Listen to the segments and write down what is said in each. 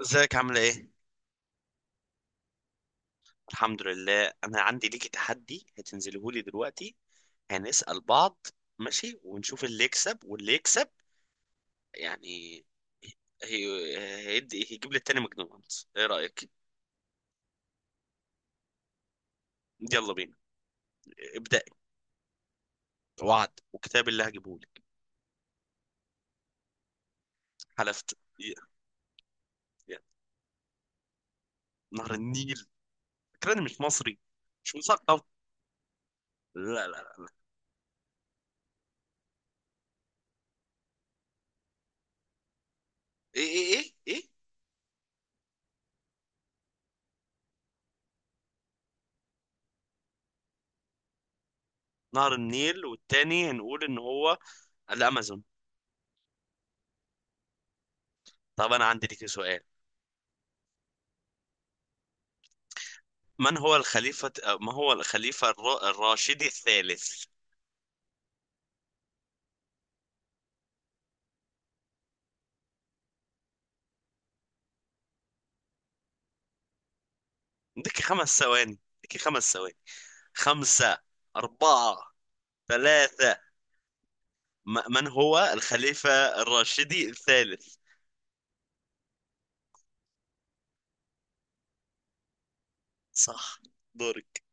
ازيك عاملة ايه؟ الحمد لله. انا عندي ليكي تحدي هتنزله لي دلوقتي. هنسأل بعض. ماشي، ونشوف اللي يكسب واللي يكسب يعني. هي... هيدي هيجيب لي التاني ماكدونالدز، ايه رأيك؟ يلا بينا. ابدأ. وعد وكتاب اللي هجيبه لك. حلفت ي- نهر النيل. فكرني مش مصري، مش مثقف. لا لا لا لا. ايه ايه ايه ايه. نهر النيل، والتاني هنقول ان هو الامازون. طب انا عندي ليكي سؤال. من هو الخليفة؟ ما هو الخليفة الراشدي الثالث؟ عندك خمس ثواني، عندك خمس ثواني. خمسة، أربعة، ثلاثة. من هو الخليفة الراشدي الثالث؟ صح. دورك.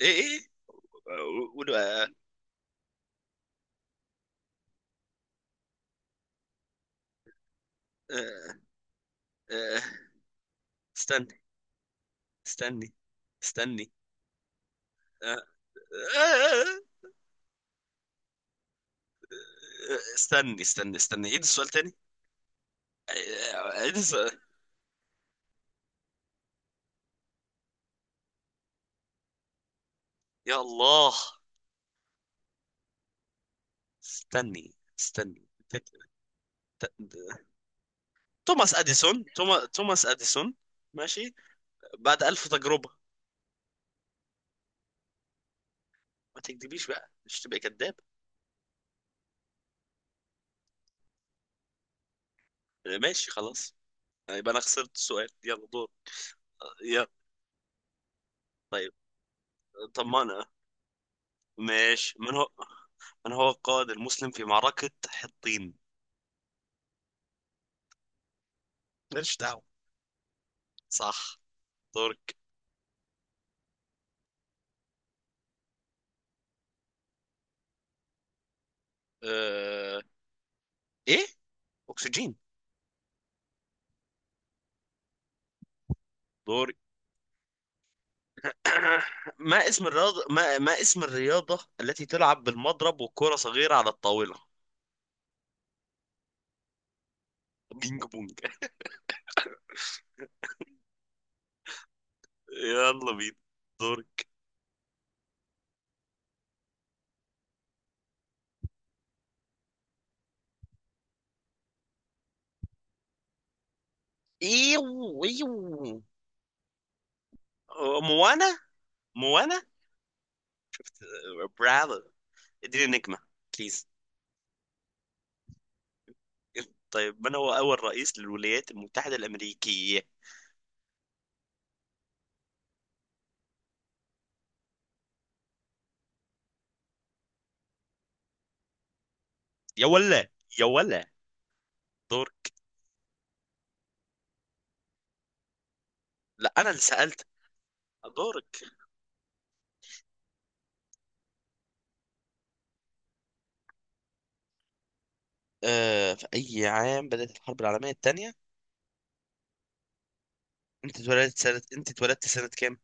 إيه إيه. قولوا. آه، آه، آه، استني استني استني. آه، آه، آه، استني استني استني عيد السؤال تاني. عيد السؤال. يا الله. استني استني. توماس اديسون، توماس اديسون. ماشي. بعد ألف تجربة. ما تكذبيش بقى، مش تبقى كذاب. ماشي خلاص. يبقى انا خسرت السؤال، يلا دور. يلا. طيب. طمانا. ماشي، من هو القائد المسلم في معركة حطين؟ ماليش دعوة. صح. دورك. أه... ايه. اكسجين. دوري. ما اسم الرياضة التي تلعب بالمضرب وكرة صغيرة على الطاولة؟ بينج بونج. يلا بينا. دوري. ايوه ايوه. موانا. موانا. برادر، اديني نجمة، بليز. طيب، من هو أول رئيس للولايات المتحدة الأمريكية؟ يا ولا، يا ولا. دورك. لا، أنا اللي سألت. دورك. في أي عام بدأت الحرب العالمية الثانية؟ أنت اتولدت سنة كام؟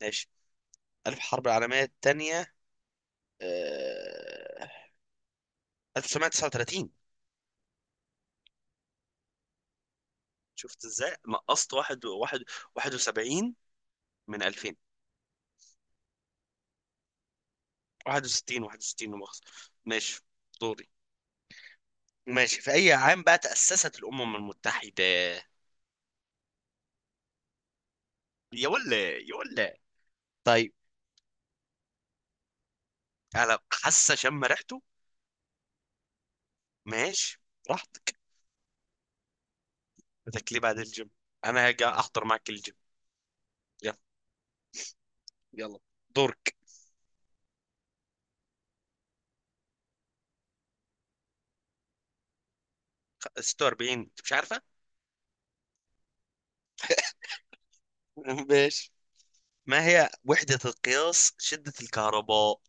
ماشي. ألف حرب العالمية الثانية. آه... 1939. شفت ازاي نقصت واحد واحد. 71 من 2000. 61، 61 لا مؤاخذة. ماشي. دوري. ماشي، في أي عام بقى تأسست الأمم المتحدة؟ يا ولا، يا ولا. طيب. انا حاسه شم ريحته. ماشي، براحتك. بدك ليه بعد الجيم؟ انا هاجي احضر معك الجيم. يلا. يلا. دورك. 46، انت مش عارفه. ماشي. ما هي وحدة القياس شدة الكهرباء؟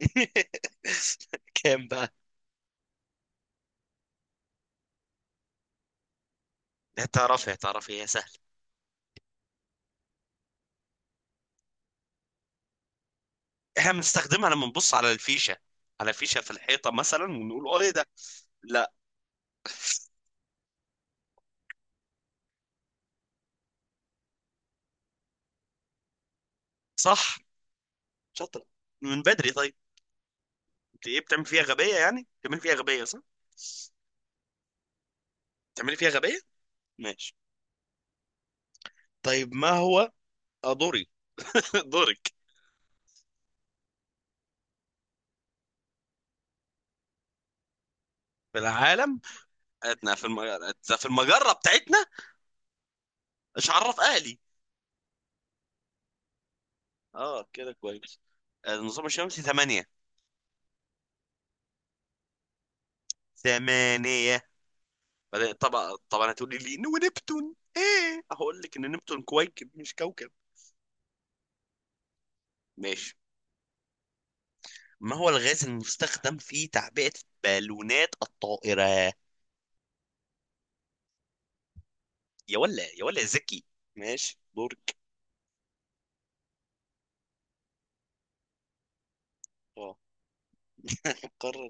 كام بقى؟ هتعرفي هتعرفي هي سهله. احنا بنستخدمها لما بنبص على الفيشه، على فيشه في الحيطه مثلا، ونقول اه ايه ده. لا. صح. شاطرة، من بدري. طيب، انت ايه بتعمل فيها غبية؟ يعني بتعمل فيها غبية، صح؟ بتعملي فيها غبية. ماشي. طيب، ما هو. دوري. دورك. في العالم. احنا في المجرة بتاعتنا. مش عرف اهلي. اه، كده كويس. النظام الشمسي ثمانية. ثمانية. بعدين طبعا طبعا هتقولي لي إن ونبتون ايه، هقول لك ان نبتون كويكب مش كوكب. ماشي. ما هو الغاز المستخدم في تعبئة بالونات الطائرة؟ يا ولا، يا ولا ذكي. ماشي، دورك. اه. القارة.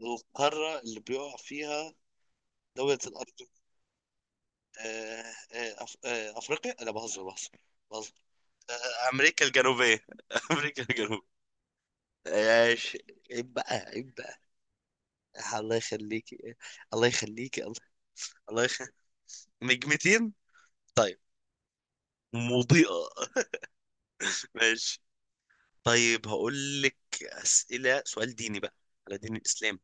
القارة اللي بيقع فيها دولة الأرض. آه آه أف... آه أفريقيا. لا، بهزر بهزر بهزر. امريكا الجنوبيه. امريكا الجنوبيه. ماشي. عيب بقى، عيب بقى. الله يخليكي. الله يخليكي الله. الله يخ... نجمتين. طيب. مضيئة. ماشي. طيب، هقول لك أسئلة سؤال ديني بقى، على دين الإسلام.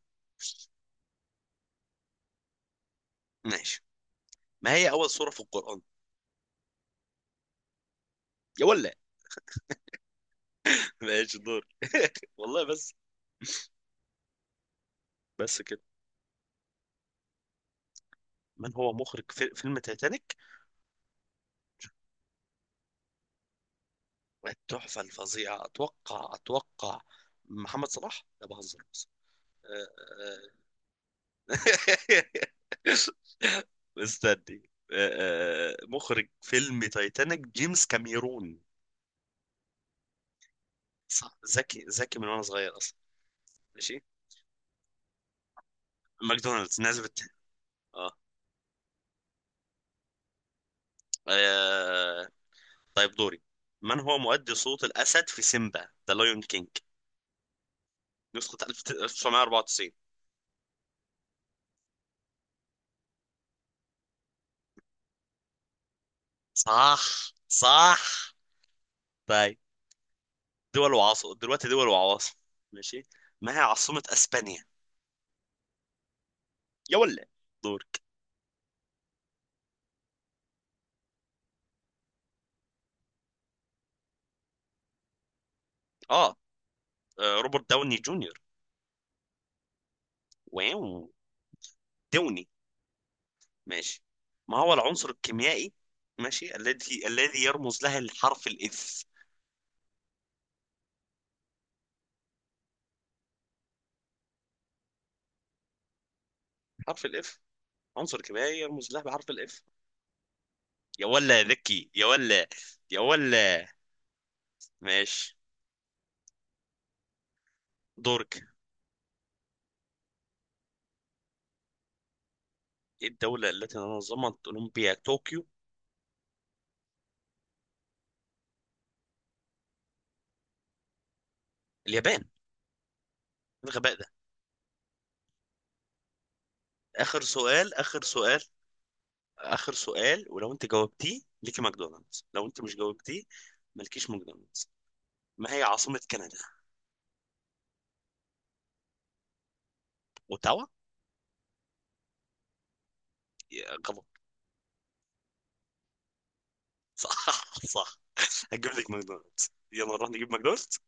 ماشي. ما هي أول سورة في القرآن؟ يا ولا. ماشي، دور. والله بس. بس كده. من هو مخرج في فيلم تايتانيك؟ والتحفة الفظيعة أتوقع أتوقع محمد صلاح، لا بهزر بس. استني. مخرج فيلم تايتانيك جيمس كاميرون. صح، ذكي ذكي من وأنا صغير أصلا. ماشي. ماكدونالدز ناسبت. اه. آه، طيب، دوري. من هو مؤدي صوت الأسد في سيمبا ذا لايون كينج، نسخة 1994؟ صح، صح. طيب، دول وعاصم دلوقتي دول وعواصم. ماشي. ما هي عاصمة اسبانيا؟ يا ولا. دورك. اه. روبرت داوني جونيور. واو. داوني. ماشي. ما هو العنصر الكيميائي، ماشي، الذي يرمز له الحرف الاف؟ حرف الاف، عنصر كيميائي يرمز له بحرف الاف. يا ولا ذكي، يا ولا، يا ولا. ماشي، دورك. ايه الدولة التي نظمت اولمبيا طوكيو؟ اليابان. إيه الغباء ده. اخر سؤال، اخر سؤال. اخر سؤال، ولو انت جاوبتيه ليكي ماكدونالدز، لو انت مش جاوبتيه مالكيش ماكدونالدز. ما هي عاصمة كندا؟ اوتاوا. يا غلط. صح، صح. هتجيب لك ماكدونالدز، يلا نروح نجيب ماكدونالدز.